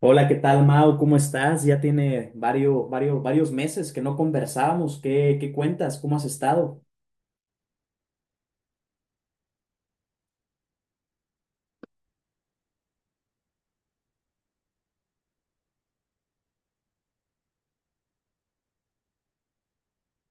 Hola, ¿qué tal, Mau? ¿Cómo estás? Ya tiene varios, varios, varios meses que no conversábamos. ¿Qué cuentas? ¿Cómo has estado?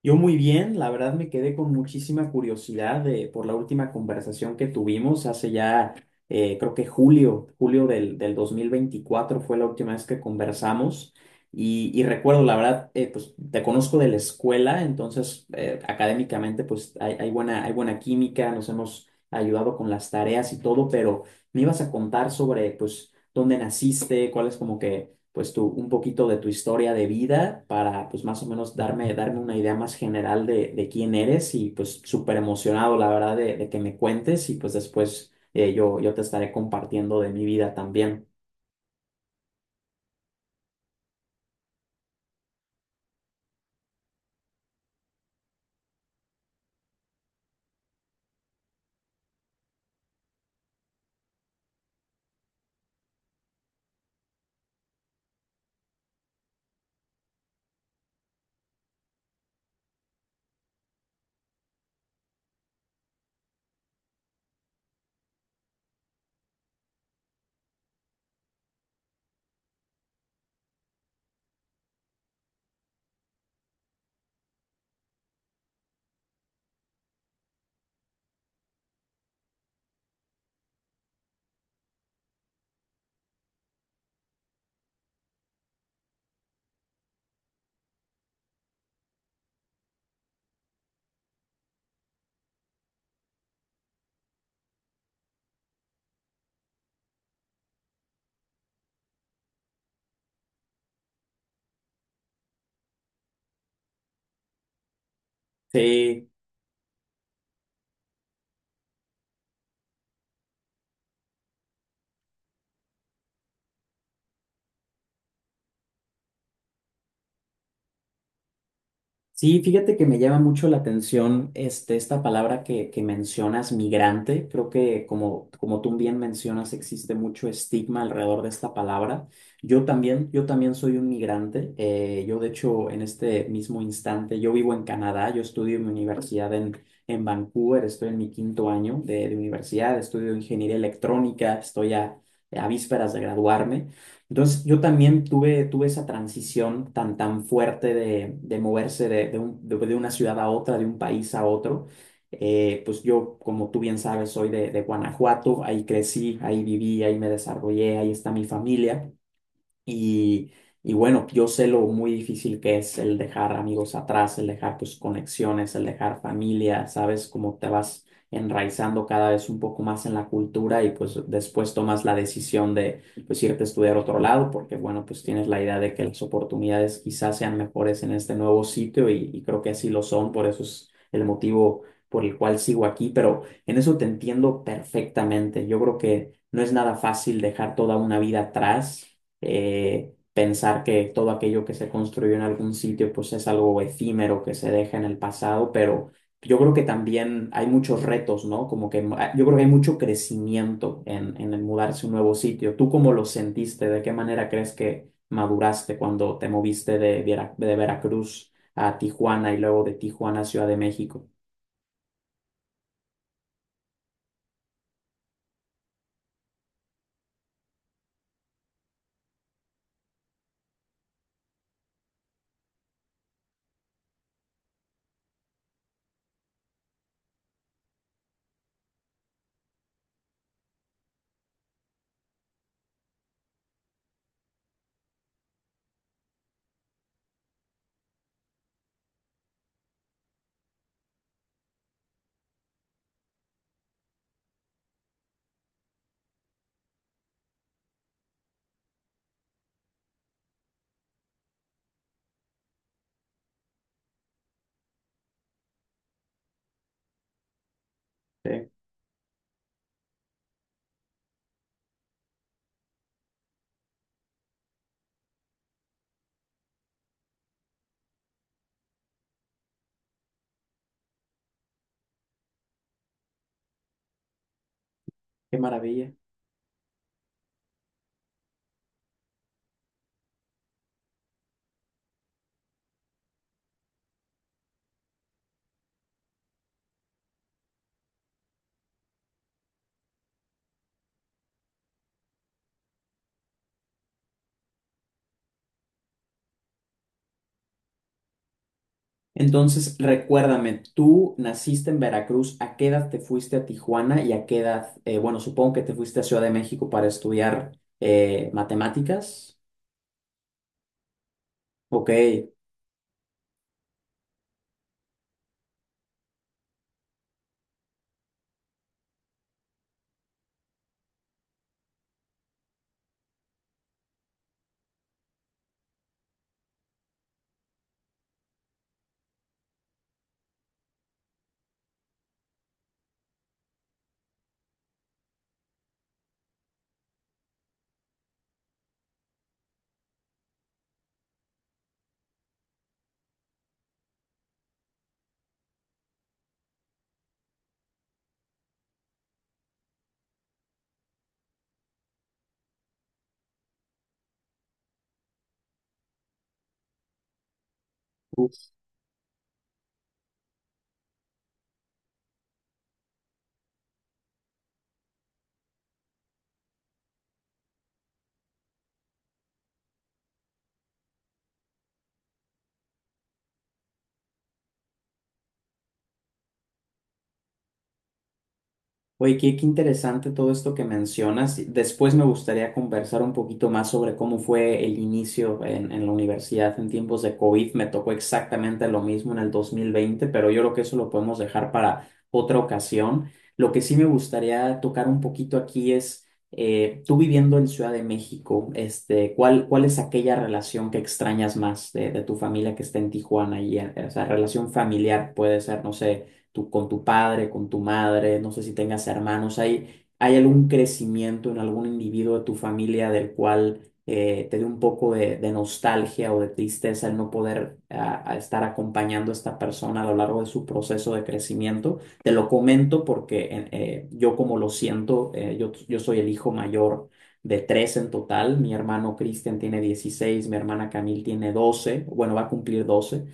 Yo muy bien, la verdad me quedé con muchísima curiosidad por la última conversación que tuvimos hace ya, creo que julio del 2024 fue la última vez que conversamos y recuerdo, la verdad, pues te conozco de la escuela, entonces académicamente pues hay buena química, nos hemos ayudado con las tareas y todo, pero me ibas a contar sobre pues dónde naciste, cuál es como que pues un poquito de tu historia de vida para pues más o menos darme una idea más general de quién eres y pues súper emocionado la verdad de que me cuentes y pues después yo te estaré compartiendo de mi vida también. Sí. Sí, fíjate que me llama mucho la atención esta palabra que mencionas, migrante. Creo que como tú bien mencionas, existe mucho estigma alrededor de esta palabra. Yo también soy un migrante. Yo, de hecho, en este mismo instante, yo vivo en Canadá, yo estudio en mi universidad en Vancouver, estoy en mi quinto año de universidad, estudio ingeniería electrónica, estoy a vísperas de graduarme. Entonces, yo también tuve esa transición tan, tan fuerte de moverse de una ciudad a otra, de un país a otro. Pues yo, como tú bien sabes, soy de Guanajuato, ahí crecí, ahí viví, ahí me desarrollé, ahí está mi familia. Y, y bueno, yo sé lo muy difícil que es el dejar amigos atrás, el dejar tus conexiones, el dejar familia, sabes cómo te vas enraizando cada vez un poco más en la cultura y pues después tomas la decisión de pues irte a estudiar a otro lado porque bueno, pues tienes la idea de que las oportunidades quizás sean mejores en este nuevo sitio y creo que así lo son, por eso es el motivo por el cual sigo aquí, pero en eso te entiendo perfectamente. Yo creo que no es nada fácil dejar toda una vida atrás, pensar que todo aquello que se construyó en algún sitio pues es algo efímero que se deja en el pasado, pero yo creo que también hay muchos retos, ¿no? Como que yo creo que hay mucho crecimiento en el mudarse a un nuevo sitio. ¿Tú cómo lo sentiste? ¿De qué manera crees que maduraste cuando te moviste de Veracruz a Tijuana y luego de Tijuana a Ciudad de México? Sí, qué maravilla. Entonces, recuérdame, tú naciste en Veracruz, ¿a qué edad te fuiste a Tijuana y a qué edad, bueno, supongo que te fuiste a Ciudad de México para estudiar matemáticas? Ok. Oye, qué interesante todo esto que mencionas. Después me gustaría conversar un poquito más sobre cómo fue el inicio en la universidad en tiempos de COVID. Me tocó exactamente lo mismo en el 2020, pero yo creo que eso lo podemos dejar para otra ocasión. Lo que sí me gustaría tocar un poquito aquí es, tú viviendo en Ciudad de México, ¿cuál es aquella relación que extrañas más de tu familia que está en Tijuana? Y esa relación familiar puede ser, no sé, tu con tu padre, con tu madre, no sé si tengas hermanos. Hay algún crecimiento en algún individuo de tu familia del cual te dé un poco de nostalgia o de tristeza el no poder a estar acompañando a esta persona a lo largo de su proceso de crecimiento? Te lo comento porque yo como lo siento, yo soy el hijo mayor de tres en total. Mi hermano Cristian tiene 16, mi hermana Camil tiene 12, bueno, va a cumplir 12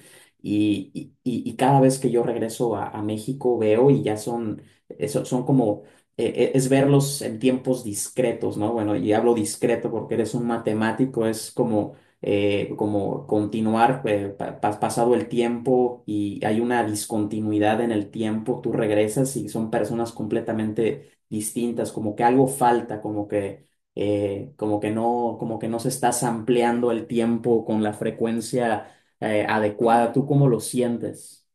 y cada vez que yo regreso a México veo y ya son, eso, son como, es verlos en tiempos discretos, ¿no? Bueno, y hablo discreto porque eres un matemático, es como como continuar, pasado el tiempo y hay una discontinuidad en el tiempo, tú regresas y son personas completamente distintas, como que algo falta, como que como que no se está ampliando el tiempo con la frecuencia adecuada. ¿Tú cómo lo sientes?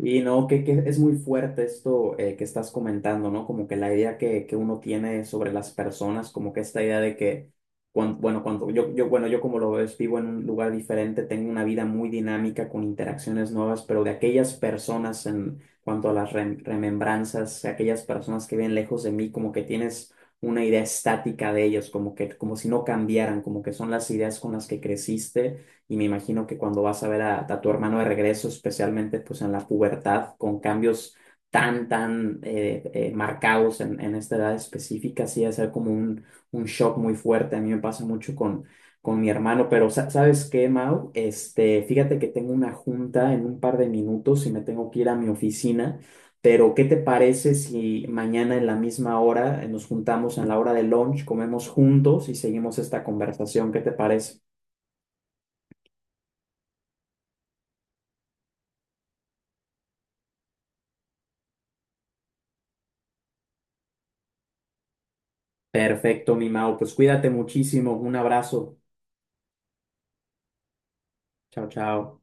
Y no, que es muy fuerte esto que estás comentando, ¿no? Como que la idea que uno tiene sobre las personas, como que esta idea de que, bueno, cuando bueno, yo como lo ves, vivo en un lugar diferente, tengo una vida muy dinámica con interacciones nuevas, pero de aquellas personas en cuanto a las remembranzas, aquellas personas que viven lejos de mí, como que tienes una idea estática de ellos, como que, como si no cambiaran, como que son las ideas con las que creciste. Y me imagino que cuando vas a ver a tu hermano de regreso, especialmente pues en la pubertad, con cambios tan, tan marcados en esta edad específica, sí, va a ser como un, shock muy fuerte. A mí me pasa mucho con mi hermano. Pero, ¿sabes qué, Mau? Fíjate que tengo una junta en un par de minutos y me tengo que ir a mi oficina. Pero, ¿qué te parece si mañana en la misma hora nos juntamos en la hora de lunch, comemos juntos y seguimos esta conversación? ¿Qué te parece? Perfecto, mi Mau. Pues cuídate muchísimo. Un abrazo. Chao, chao.